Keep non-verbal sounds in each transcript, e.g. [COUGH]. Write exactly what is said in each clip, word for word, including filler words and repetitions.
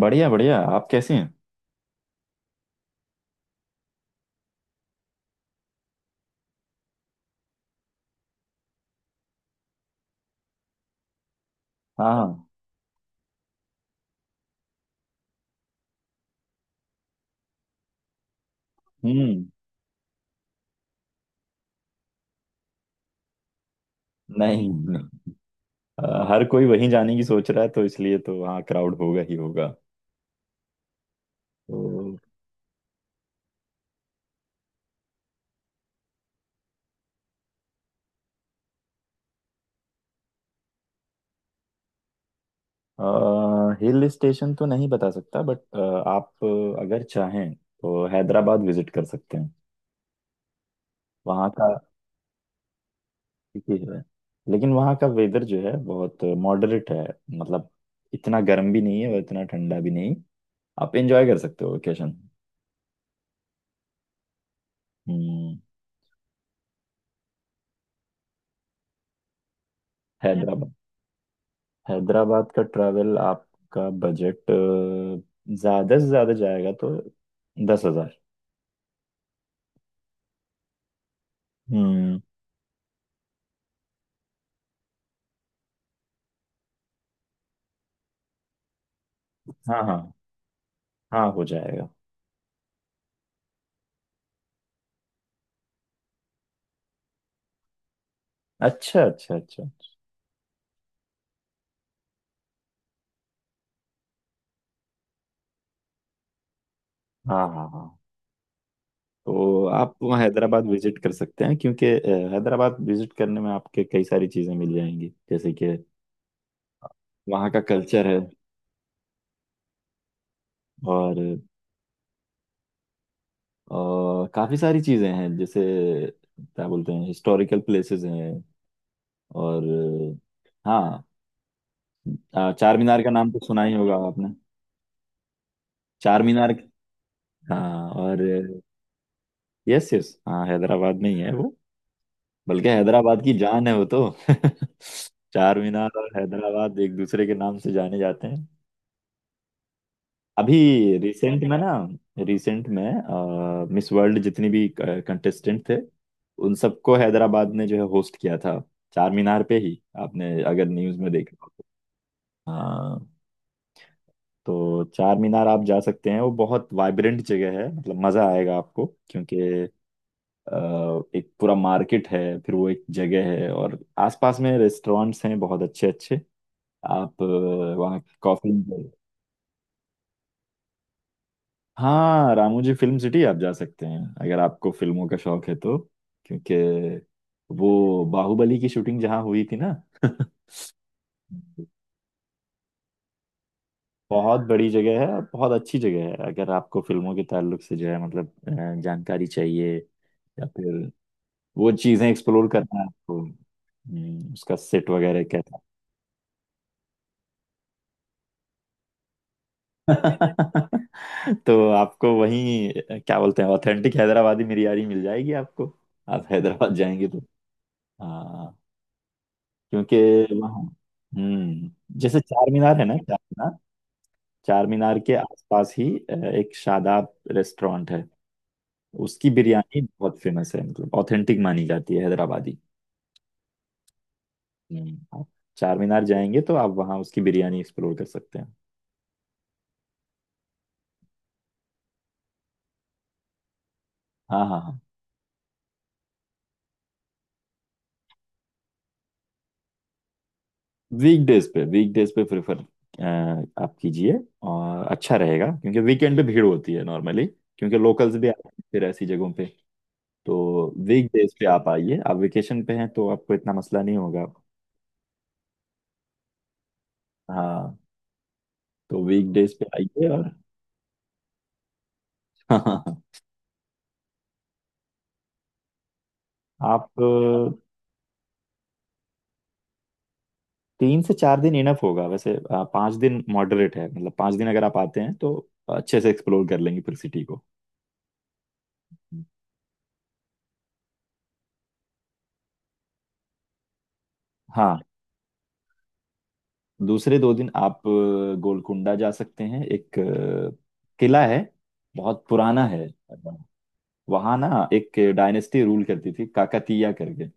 बढ़िया बढ़िया, आप कैसे हैं? हाँ। हम्म। नहीं नहीं। अ, हर कोई वहीं जाने की सोच रहा है, तो इसलिए तो हाँ, क्राउड होगा ही होगा। तो हिल स्टेशन तो नहीं बता सकता, बट आप अ, अगर चाहें तो हैदराबाद विजिट कर सकते हैं। वहाँ का ठीक है, लेकिन वहाँ का वेदर जो है बहुत मॉडरेट है, मतलब इतना गर्म भी नहीं है और इतना ठंडा भी नहीं। आप एंजॉय कर सकते हो वेकेशन। हम्म। हैदराबाद? हैदराबाद का ट्रैवल, आपका बजट ज्यादा से ज्यादा जाएगा तो दस हजार। हम्म। हाँ, हाँ, हाँ, हो जाएगा। अच्छा, अच्छा, अच्छा। हाँ, हाँ, हाँ, तो आप वहाँ हैदराबाद विजिट कर सकते हैं, क्योंकि अ, हैदराबाद विजिट करने में आपके कई सारी चीज़ें मिल जाएंगी, जैसे कि वहाँ का कल्चर है। और अ, काफ़ी सारी चीज़ें हैं, जैसे क्या बोलते हैं, हिस्टोरिकल प्लेसेस हैं। और अ, हाँ। अ, चार मीनार का नाम तो सुना ही होगा आपने। चार मीनार, हाँ। और यस यस, हाँ, हैदराबाद में ही है वो। बल्कि हैदराबाद की जान है वो तो। [LAUGHS] चार मीनार और हैदराबाद एक दूसरे के नाम से जाने जाते हैं। अभी रिसेंट में ना, रिसेंट में मिस वर्ल्ड जितनी भी कंटेस्टेंट थे, उन सबको हैदराबाद ने जो है होस्ट किया था, चार मीनार पे ही, आपने अगर न्यूज़ में देखा हो तो। हाँ। तो चार मीनार आप जा सकते हैं, वो बहुत वाइब्रेंट जगह है, मतलब मज़ा आएगा आपको, क्योंकि अ, एक पूरा मार्केट है। फिर वो एक जगह है और आसपास में रेस्टोरेंट्स हैं बहुत अच्छे अच्छे। आप अ, वहाँ कॉफी। [LAUGHS] हाँ, रामोजी फिल्म सिटी आप जा सकते हैं, अगर आपको फिल्मों का शौक है तो। क्योंकि वो बाहुबली की शूटिंग जहाँ हुई थी ना। बहुत बड़ी जगह है और बहुत अच्छी जगह है, अगर आपको फिल्मों के ताल्लुक से जो है, मतलब अ, जानकारी चाहिए, या फिर वो चीजें एक्सप्लोर करना है आपको, हम्म, उसका सेट वगैरह कैसा। [LAUGHS] तो आपको वहीं, क्या बोलते हैं, ऑथेंटिक हैदराबादी बिरयानी मिल जाएगी आपको, आप हैदराबाद जाएंगे तो। हाँ, क्योंकि वहाँ हम्म जैसे चार मीनार है ना, चार मीनार, चार मीनार के आसपास ही अ, एक शादाब रेस्टोरेंट है। उसकी बिरयानी बहुत फेमस है, मतलब ऑथेंटिक मानी जाती है, हैदराबादी। हम्म, आप चार मीनार जाएंगे तो आप वहाँ उसकी बिरयानी एक्सप्लोर कर सकते हैं। हाँ, हाँ, हाँ। वीकडेज पे, वीकडेज पे प्रेफर आप कीजिए, और अच्छा रहेगा क्योंकि वीकेंड पे भीड़ होती है नॉर्मली, क्योंकि लोकल्स भी आते हैं फिर ऐसी जगहों पे। तो वीकडेज पे आप आइए, आप वेकेशन पे हैं तो आपको इतना मसला नहीं होगा। हाँ। तो वीकडेज पे आइए, और [LAUGHS] हाँ। आप अ, तीन से चार दिन इनफ होगा वैसे, अ, पाँच दिन मॉडरेट है, मतलब पाँच दिन अगर आप आते हैं तो अच्छे से एक्सप्लोर कर लेंगे फिर सिटी को। हाँ, दूसरे दो दिन आप अ, गोलकुंडा जा सकते हैं, एक अ, किला है, बहुत पुराना है। वहां ना एक डायनेस्टी रूल करती थी, काकतीया करके,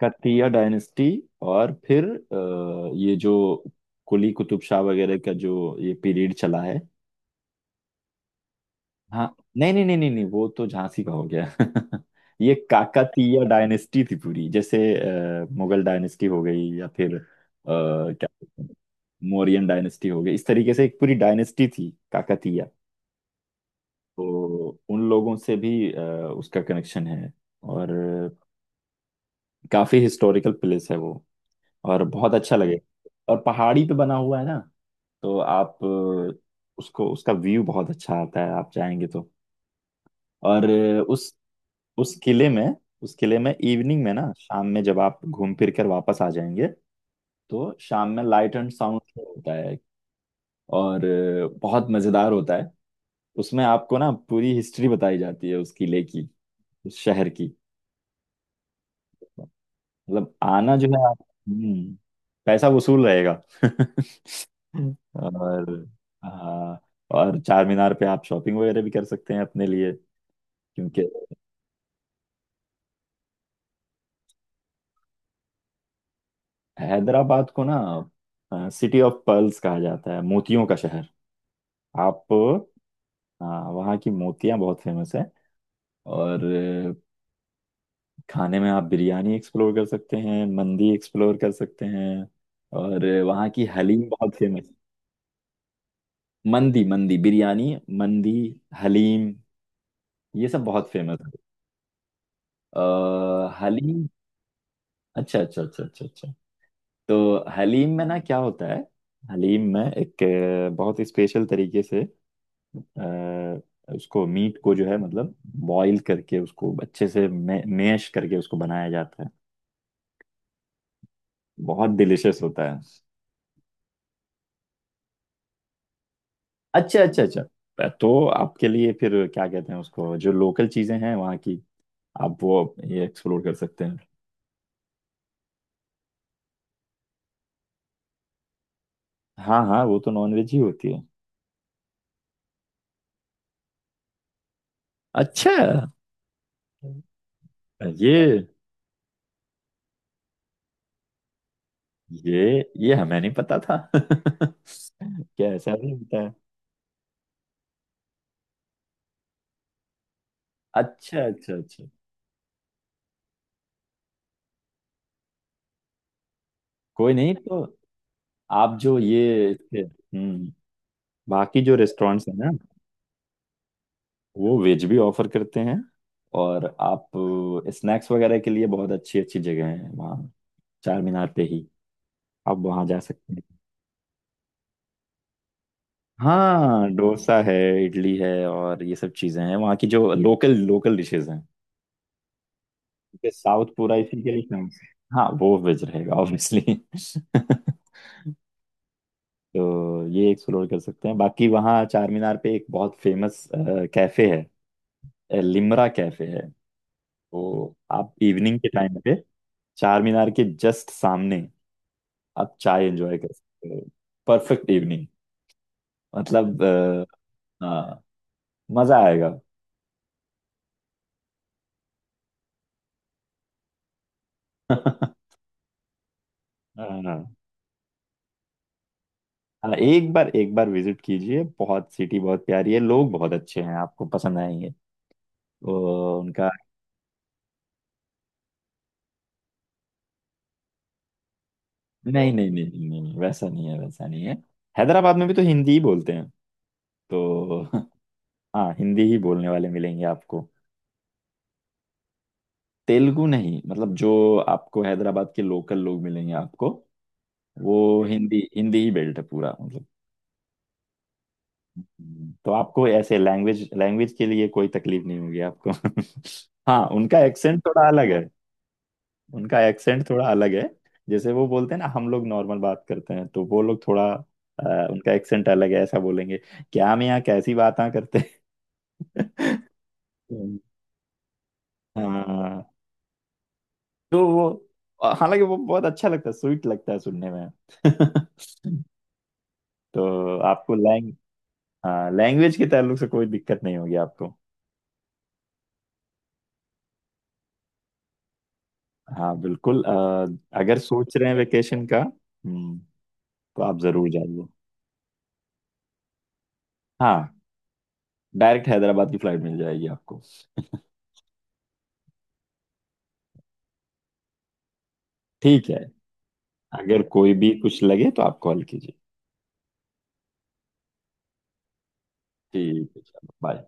काकतीया डायनेस्टी। और फिर अ, ये जो कुली कुतुब शाह वगैरह का जो ये पीरियड चला है। हाँ, नहीं नहीं नहीं नहीं नहीं, वो तो झांसी का हो गया। [LAUGHS] ये काकतीय डायनेस्टी थी पूरी, जैसे अ, मुगल डायनेस्टी हो गई, या फिर अ, क्या बोलते हैं, मौर्यन डायनेस्टी हो गई, इस तरीके से एक पूरी डायनेस्टी थी काकतीय। तो उन लोगों से भी अ, उसका कनेक्शन है। और काफी हिस्टोरिकल प्लेस है वो, और बहुत अच्छा लगे। और पहाड़ी पे बना हुआ है ना, तो आप अ, उसको उसका व्यू बहुत अच्छा आता है, आप जाएंगे तो। और अ, उस उस किले में उस किले में इवनिंग में ना, शाम में, जब आप घूम फिर कर वापस आ जाएंगे, तो शाम में लाइट एंड साउंड शो होता है। और अ, बहुत मजेदार होता है। उसमें आपको ना पूरी हिस्ट्री बताई जाती है उस किले की, उस शहर की, मतलब आना जो है आप, हम्म, पैसा वसूल रहेगा। [LAUGHS] और हाँ, और चार मीनार पे आप शॉपिंग वगैरह भी कर सकते हैं अपने लिए, क्योंकि हैदराबाद को ना सिटी ऑफ पर्ल्स कहा जाता है, मोतियों का शहर। आप, हाँ, वहाँ की मोतियाँ बहुत फेमस है। और अ, खाने में आप बिरयानी एक्सप्लोर कर सकते हैं, मंदी एक्सप्लोर कर सकते हैं, और अ, वहाँ की हलीम बहुत फेमस। मंदी, मंदी बिरयानी, मंदी, हलीम, ये सब बहुत फेमस है। अ, हलीम। अच्छा, अच्छा, अच्छा, अच्छा, अच्छा। तो हलीम में ना क्या होता है? हलीम में एक अ, बहुत स्पेशल तरीके से, अ, उसको मीट को जो है, मतलब बॉईल करके, उसको अच्छे से मे, मैश करके उसको बनाया जाता है। बहुत डिलिशियस होता है। अच्छा, अच्छा, अच्छा। तो आपके लिए फिर, क्या कहते हैं उसको, जो लोकल चीजें हैं वहाँ की, आप वो ये एक्सप्लोर कर सकते हैं। हाँ, हाँ, वो तो नॉनवेज ही होती है। अच्छा। ये ये ये हमें नहीं पता था। [LAUGHS] क्या ऐसा भी होता है? अच्छा, अच्छा, अच्छा। कोई नहीं तो। आप जो ये इसके, हम्म बाकी जो रेस्टोरेंट्स हैं ना, वो वेज भी ऑफर करते हैं। और आप स्नैक्स वगैरह के लिए बहुत अच्छी अच्छी जगह है वहाँ, चार मीनार पे ही। आप वहाँ जा सकते हैं। हाँ, डोसा है, इडली है, और ये सब चीज़ें हैं वहाँ की, जो लोकल लोकल डिशेज हैं। क्योंकि साउथ पूरा इसी के लिए फेमस है। हाँ, वो वेज रहेगा ऑब्वियसली। [LAUGHS] तो ये एक्सप्लोर कर सकते हैं। बाकी वहाँ चार मीनार पे एक बहुत फेमस कैफे है, अ, लिमरा कैफे है। तो आप इवनिंग के टाइम पे, चार मीनार के जस्ट सामने, आप चाय एंजॉय कर सकते हो। परफेक्ट इवनिंग, मतलब अ, हाँ, मजा आएगा। [LAUGHS] हाँ, हाँ, एक बार, एक बार विजिट कीजिए, बहुत सिटी बहुत प्यारी है, लोग बहुत अच्छे हैं, आपको पसंद आएंगे। तो उनका नहीं नहीं नहीं नहीं नहीं, वैसा नहीं है, वैसा नहीं है, हैदराबाद में भी तो हिंदी ही बोलते हैं तो। [LAUGHS] हाँ, हिंदी ही बोलने वाले मिलेंगे आपको। तेलुगु नहीं, मतलब जो आपको हैदराबाद के लोकल लोग मिलेंगे आपको वो, हिंदी हिंदी ही बेल्ट है पूरा, मतलब। तो आपको ऐसे लैंग्वेज लैंग्वेज के लिए कोई तकलीफ नहीं होगी आपको। [LAUGHS] हाँ, उनका एक्सेंट थोड़ा अलग है, उनका एक्सेंट थोड़ा अलग है। जैसे वो बोलते हैं ना, हम लोग नॉर्मल बात करते हैं तो वो लोग थोड़ा अ, उनका एक्सेंट अलग है, ऐसा बोलेंगे, क्या हम यहाँ कैसी बातें करते हैं। [LAUGHS] हाँ, तो वो, हालांकि वो बहुत अच्छा लगता है, स्वीट लगता है सुनने में। [LAUGHS] तो आपको लैंग लैंग्वेज के ताल्लुक से कोई दिक्कत नहीं होगी आपको। हाँ बिल्कुल, अ, अगर सोच रहे हैं वेकेशन का, हम्म, तो आप जरूर जाइए। हाँ, डायरेक्ट हैदराबाद की फ्लाइट मिल जाएगी आपको। ठीक है, अगर कोई भी कुछ लगे तो आप कॉल कीजिए। ठीक है, चलो, बाय।